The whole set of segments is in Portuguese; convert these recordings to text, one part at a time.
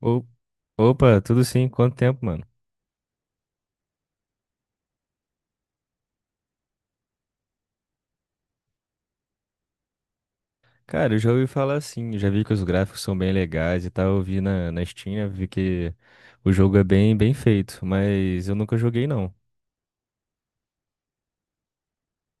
O- Opa, tudo sim? Quanto tempo, mano? Cara, eu já ouvi falar assim, já vi que os gráficos são bem legais e tal, eu vi na Steam, né, vi que o jogo é bem feito, mas eu nunca joguei não.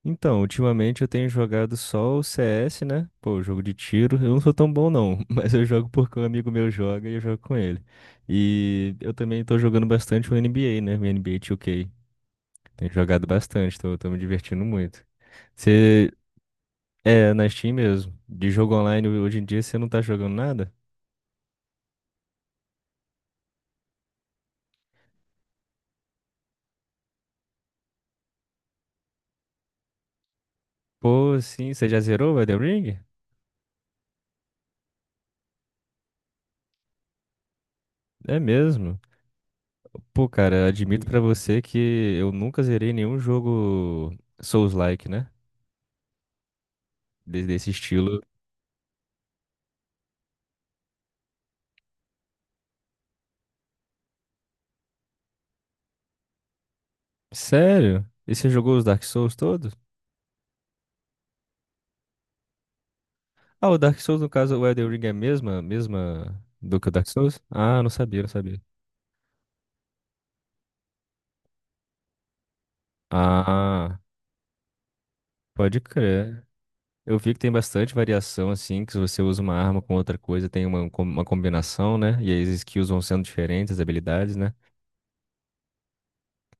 Então, ultimamente eu tenho jogado só o CS, né? Pô, jogo de tiro, eu não sou tão bom não, mas eu jogo porque um amigo meu joga e eu jogo com ele. E eu também tô jogando bastante o NBA, né? O NBA 2K. Tenho jogado bastante, tô me divertindo muito. É, na Steam mesmo. De jogo online hoje em dia você não tá jogando nada? Pô, sim, você já zerou o Elden Ring? É mesmo. Pô, cara, admito pra você que eu nunca zerei nenhum jogo Souls-like, né? Desse estilo. Sério? E você jogou os Dark Souls todos? Ah, o Dark Souls, no caso, o Elden Ring é a mesma do que o Dark Souls? Ah, não sabia, não sabia. Ah, pode crer. Eu vi que tem bastante variação, assim, que se você usa uma arma com outra coisa, tem uma combinação, né? E aí as skills vão sendo diferentes, as habilidades, né?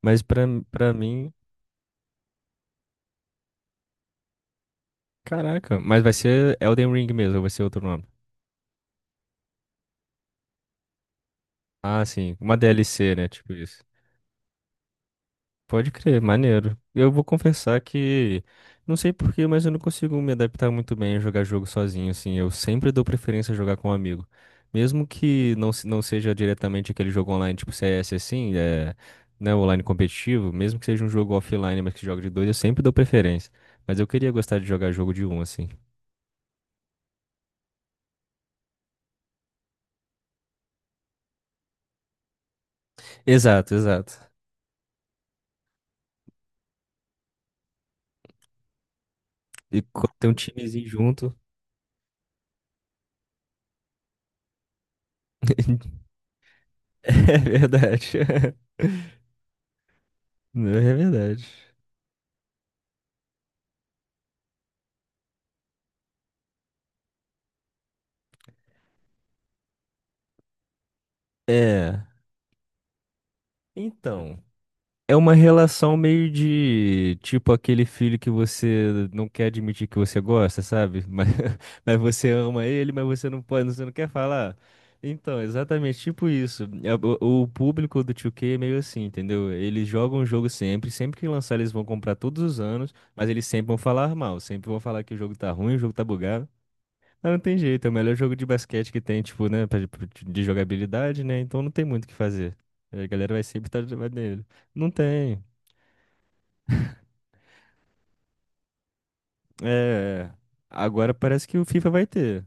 Mas pra mim, caraca, mas vai ser Elden Ring mesmo, ou vai ser outro nome. Ah, sim, uma DLC, né? Tipo isso. Pode crer, maneiro. Eu vou confessar que não sei por quê, mas eu não consigo me adaptar muito bem a jogar jogo sozinho, assim. Eu sempre dou preferência a jogar com um amigo. Mesmo que não seja diretamente aquele jogo online tipo CS assim, é, né, online competitivo, mesmo que seja um jogo offline, mas que joga de dois, eu sempre dou preferência. Mas eu queria gostar de jogar jogo de um, assim. Exato, exato. E quando tem um timezinho junto. É verdade. Não, é verdade. É. Então. É uma relação meio de tipo aquele filho que você não quer admitir que você gosta, sabe? Mas, mas você ama ele, mas você não pode, você não quer falar. Então, exatamente tipo isso. É, o público do 2K é meio assim, entendeu? Eles jogam o jogo sempre, sempre que lançar eles vão comprar todos os anos, mas eles sempre vão falar mal, sempre vão falar que o jogo tá ruim, o jogo tá bugado. Mas não tem jeito, é o melhor jogo de basquete que tem, tipo, né, de jogabilidade, né? Então não tem muito o que fazer. A galera vai sempre estar nele. Não tem. É, agora parece que o FIFA vai ter.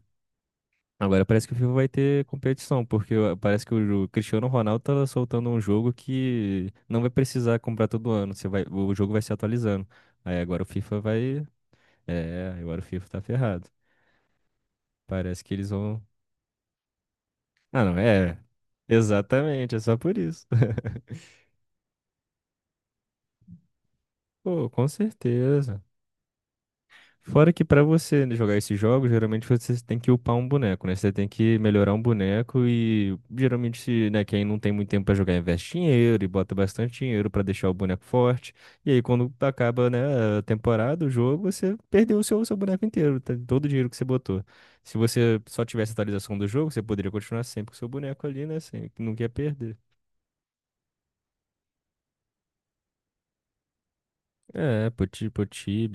Agora parece que o FIFA vai ter competição, porque parece que o Cristiano Ronaldo tá soltando um jogo que não vai precisar comprar todo ano. Você vai, o jogo vai se atualizando. Aí agora o FIFA vai. É, agora o FIFA tá ferrado. Parece que eles vão. Ah, não, é. Exatamente, é só por isso. Pô, com certeza. Fora que pra você né, jogar esses jogos, geralmente você tem que upar um boneco, né? Você tem que melhorar um boneco e geralmente, se, né, quem não tem muito tempo pra jogar investe dinheiro e bota bastante dinheiro pra deixar o boneco forte. E aí quando acaba, né, a temporada, o jogo, você perdeu o seu boneco inteiro, tá? Todo o dinheiro que você botou. Se você só tivesse atualização do jogo, você poderia continuar sempre com o seu boneco ali, né? Sem, nunca ia perder. É, poti, poti,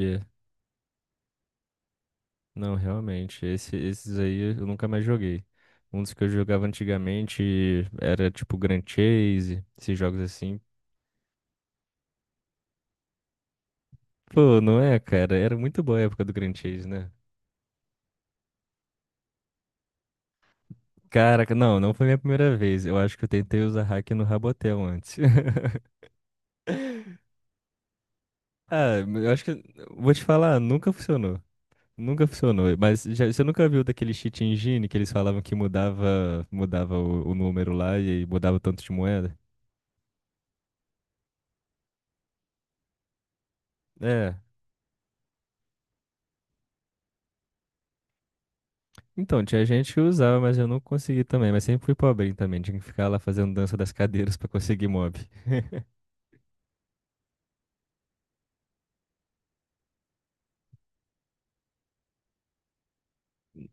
não, realmente, esses aí eu nunca mais joguei. Um dos que eu jogava antigamente era tipo Grand Chase, esses jogos assim. Pô, não é, cara? Era muito boa a época do Grand Chase, né? Caraca, não, não foi minha primeira vez. Eu acho que eu tentei usar hack no Rabotel antes. Ah, eu acho que. Vou te falar, nunca funcionou. Nunca funcionou. Mas já, você nunca viu daquele cheat engine que eles falavam que mudava, mudava o número lá e aí mudava o tanto de moeda? É. Então, tinha gente que usava, mas eu não consegui também. Mas sempre fui pobrinho também. Tinha que ficar lá fazendo dança das cadeiras pra conseguir mob.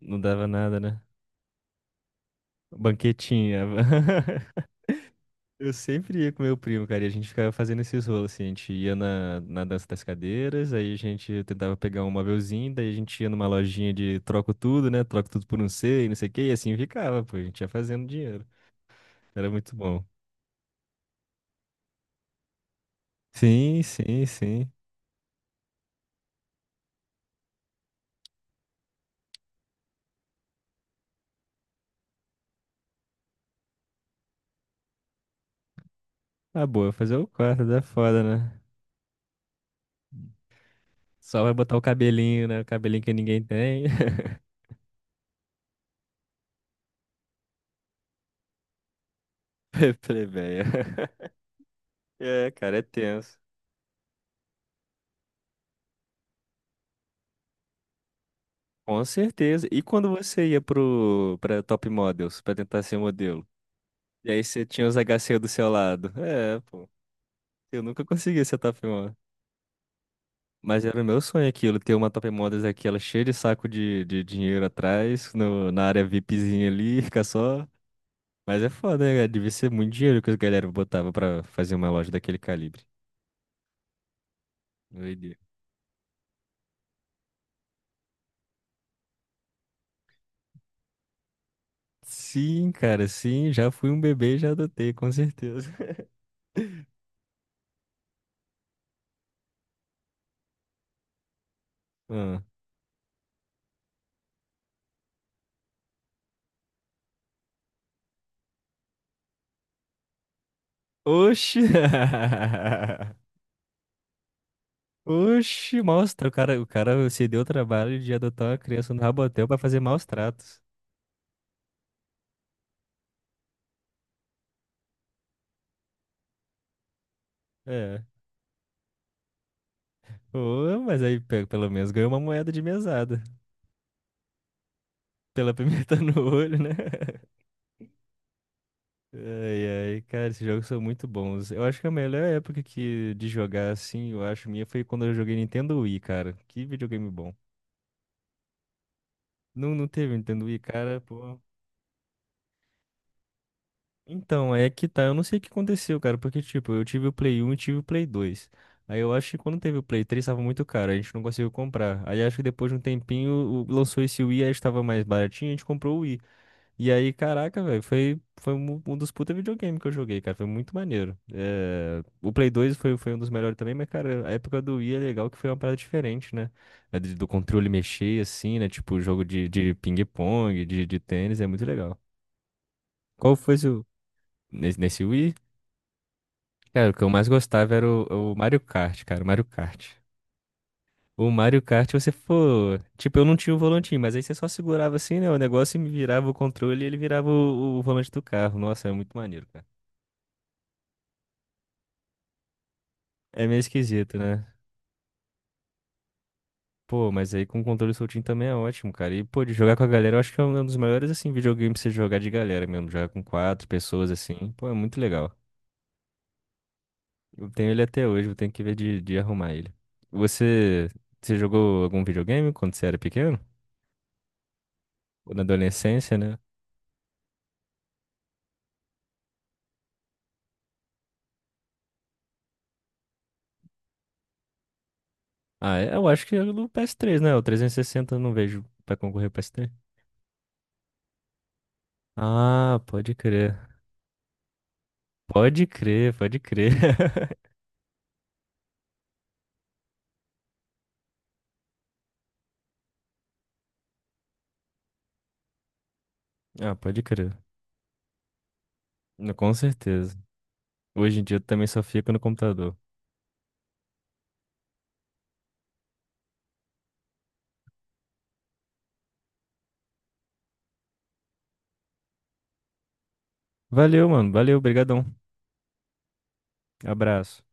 Não dava nada, né? Banquetinha. Eu sempre ia com meu primo, cara, e a gente ficava fazendo esses rolos, assim. A gente ia na dança das cadeiras, aí a gente tentava pegar um mobilzinho, daí a gente ia numa lojinha de troco tudo, né? Troco tudo por um C e não sei o que, e assim ficava, pô. A gente ia fazendo dinheiro. Era muito bom. Sim, sim, sim. Ah, boa, fazer o quarto, dá foda, né? Só vai botar o cabelinho, né? O cabelinho que ninguém tem. Plebeia. É, cara, é tenso. Com certeza. E quando você ia pra Top Models, pra tentar ser modelo? E aí você tinha os HC do seu lado. É, pô. Eu nunca consegui ser Top Model. Mas era o meu sonho aquilo, ter uma Top Models aquela cheia de saco de dinheiro atrás, no, na área VIPzinha ali, ficar só. Mas é foda, né, cara? Devia ser muito dinheiro que as galera botava pra fazer uma loja daquele calibre. Doideira. Sim, cara, sim, já fui um bebê e já adotei, com certeza. Ah. Oxi! Oxi, maus tra- o cara se deu o trabalho de adotar uma criança no Rabotel pra fazer maus tratos. É. Ô, mas aí pelo menos ganhou uma moeda de mesada. Pela pimenta no olho, né? Ai, ai, cara, esses jogos são muito bons. Eu acho que a melhor época que de jogar assim, eu acho minha, foi quando eu joguei Nintendo Wii, cara. Que videogame bom. Não, não teve Nintendo Wii, cara, pô. Então, é que tá, eu não sei o que aconteceu, cara, porque, tipo, eu tive o Play 1 e tive o Play 2. Aí eu acho que quando teve o Play 3 tava muito caro, a gente não conseguiu comprar. Aí acho que depois de um tempinho lançou esse Wii, aí estava mais baratinho, a gente comprou o Wii. E aí, caraca, velho, foi um, dos puta videogame que eu joguei, cara, foi muito maneiro. É, o Play 2 foi um dos melhores também, mas, cara, a época do Wii é legal que foi uma parada diferente, né? Do controle mexer, assim, né? Tipo, jogo de ping-pong, de tênis, é muito legal. Qual foi seu. Nesse Wii? Cara, o que eu mais gostava era o Mario Kart, cara, o Mario Kart. O Mario Kart, você for. Tipo, eu não tinha o volantinho, mas aí você só segurava assim, né? O negócio e me virava o controle e ele virava o volante do carro. Nossa, é muito maneiro, cara. É meio esquisito, né? Pô, mas aí com o controle soltinho também é ótimo, cara. E, pô, de jogar com a galera, eu acho que é um dos maiores, assim, videogames pra você jogar de galera mesmo. Jogar com quatro pessoas, assim. Pô, é muito legal. Eu tenho ele até hoje, eu tenho que ver de arrumar ele. Você. Você jogou algum videogame quando você era pequeno? Ou na adolescência, né? Ah, é? Eu acho que é do PS3, né? O 360 eu não vejo pra concorrer ao PS3. Ah, pode crer. Pode crer, pode crer. Ah, pode crer. Não, com certeza. Hoje em dia eu também só fico no computador. Valeu, mano. Valeu, brigadão. Abraço.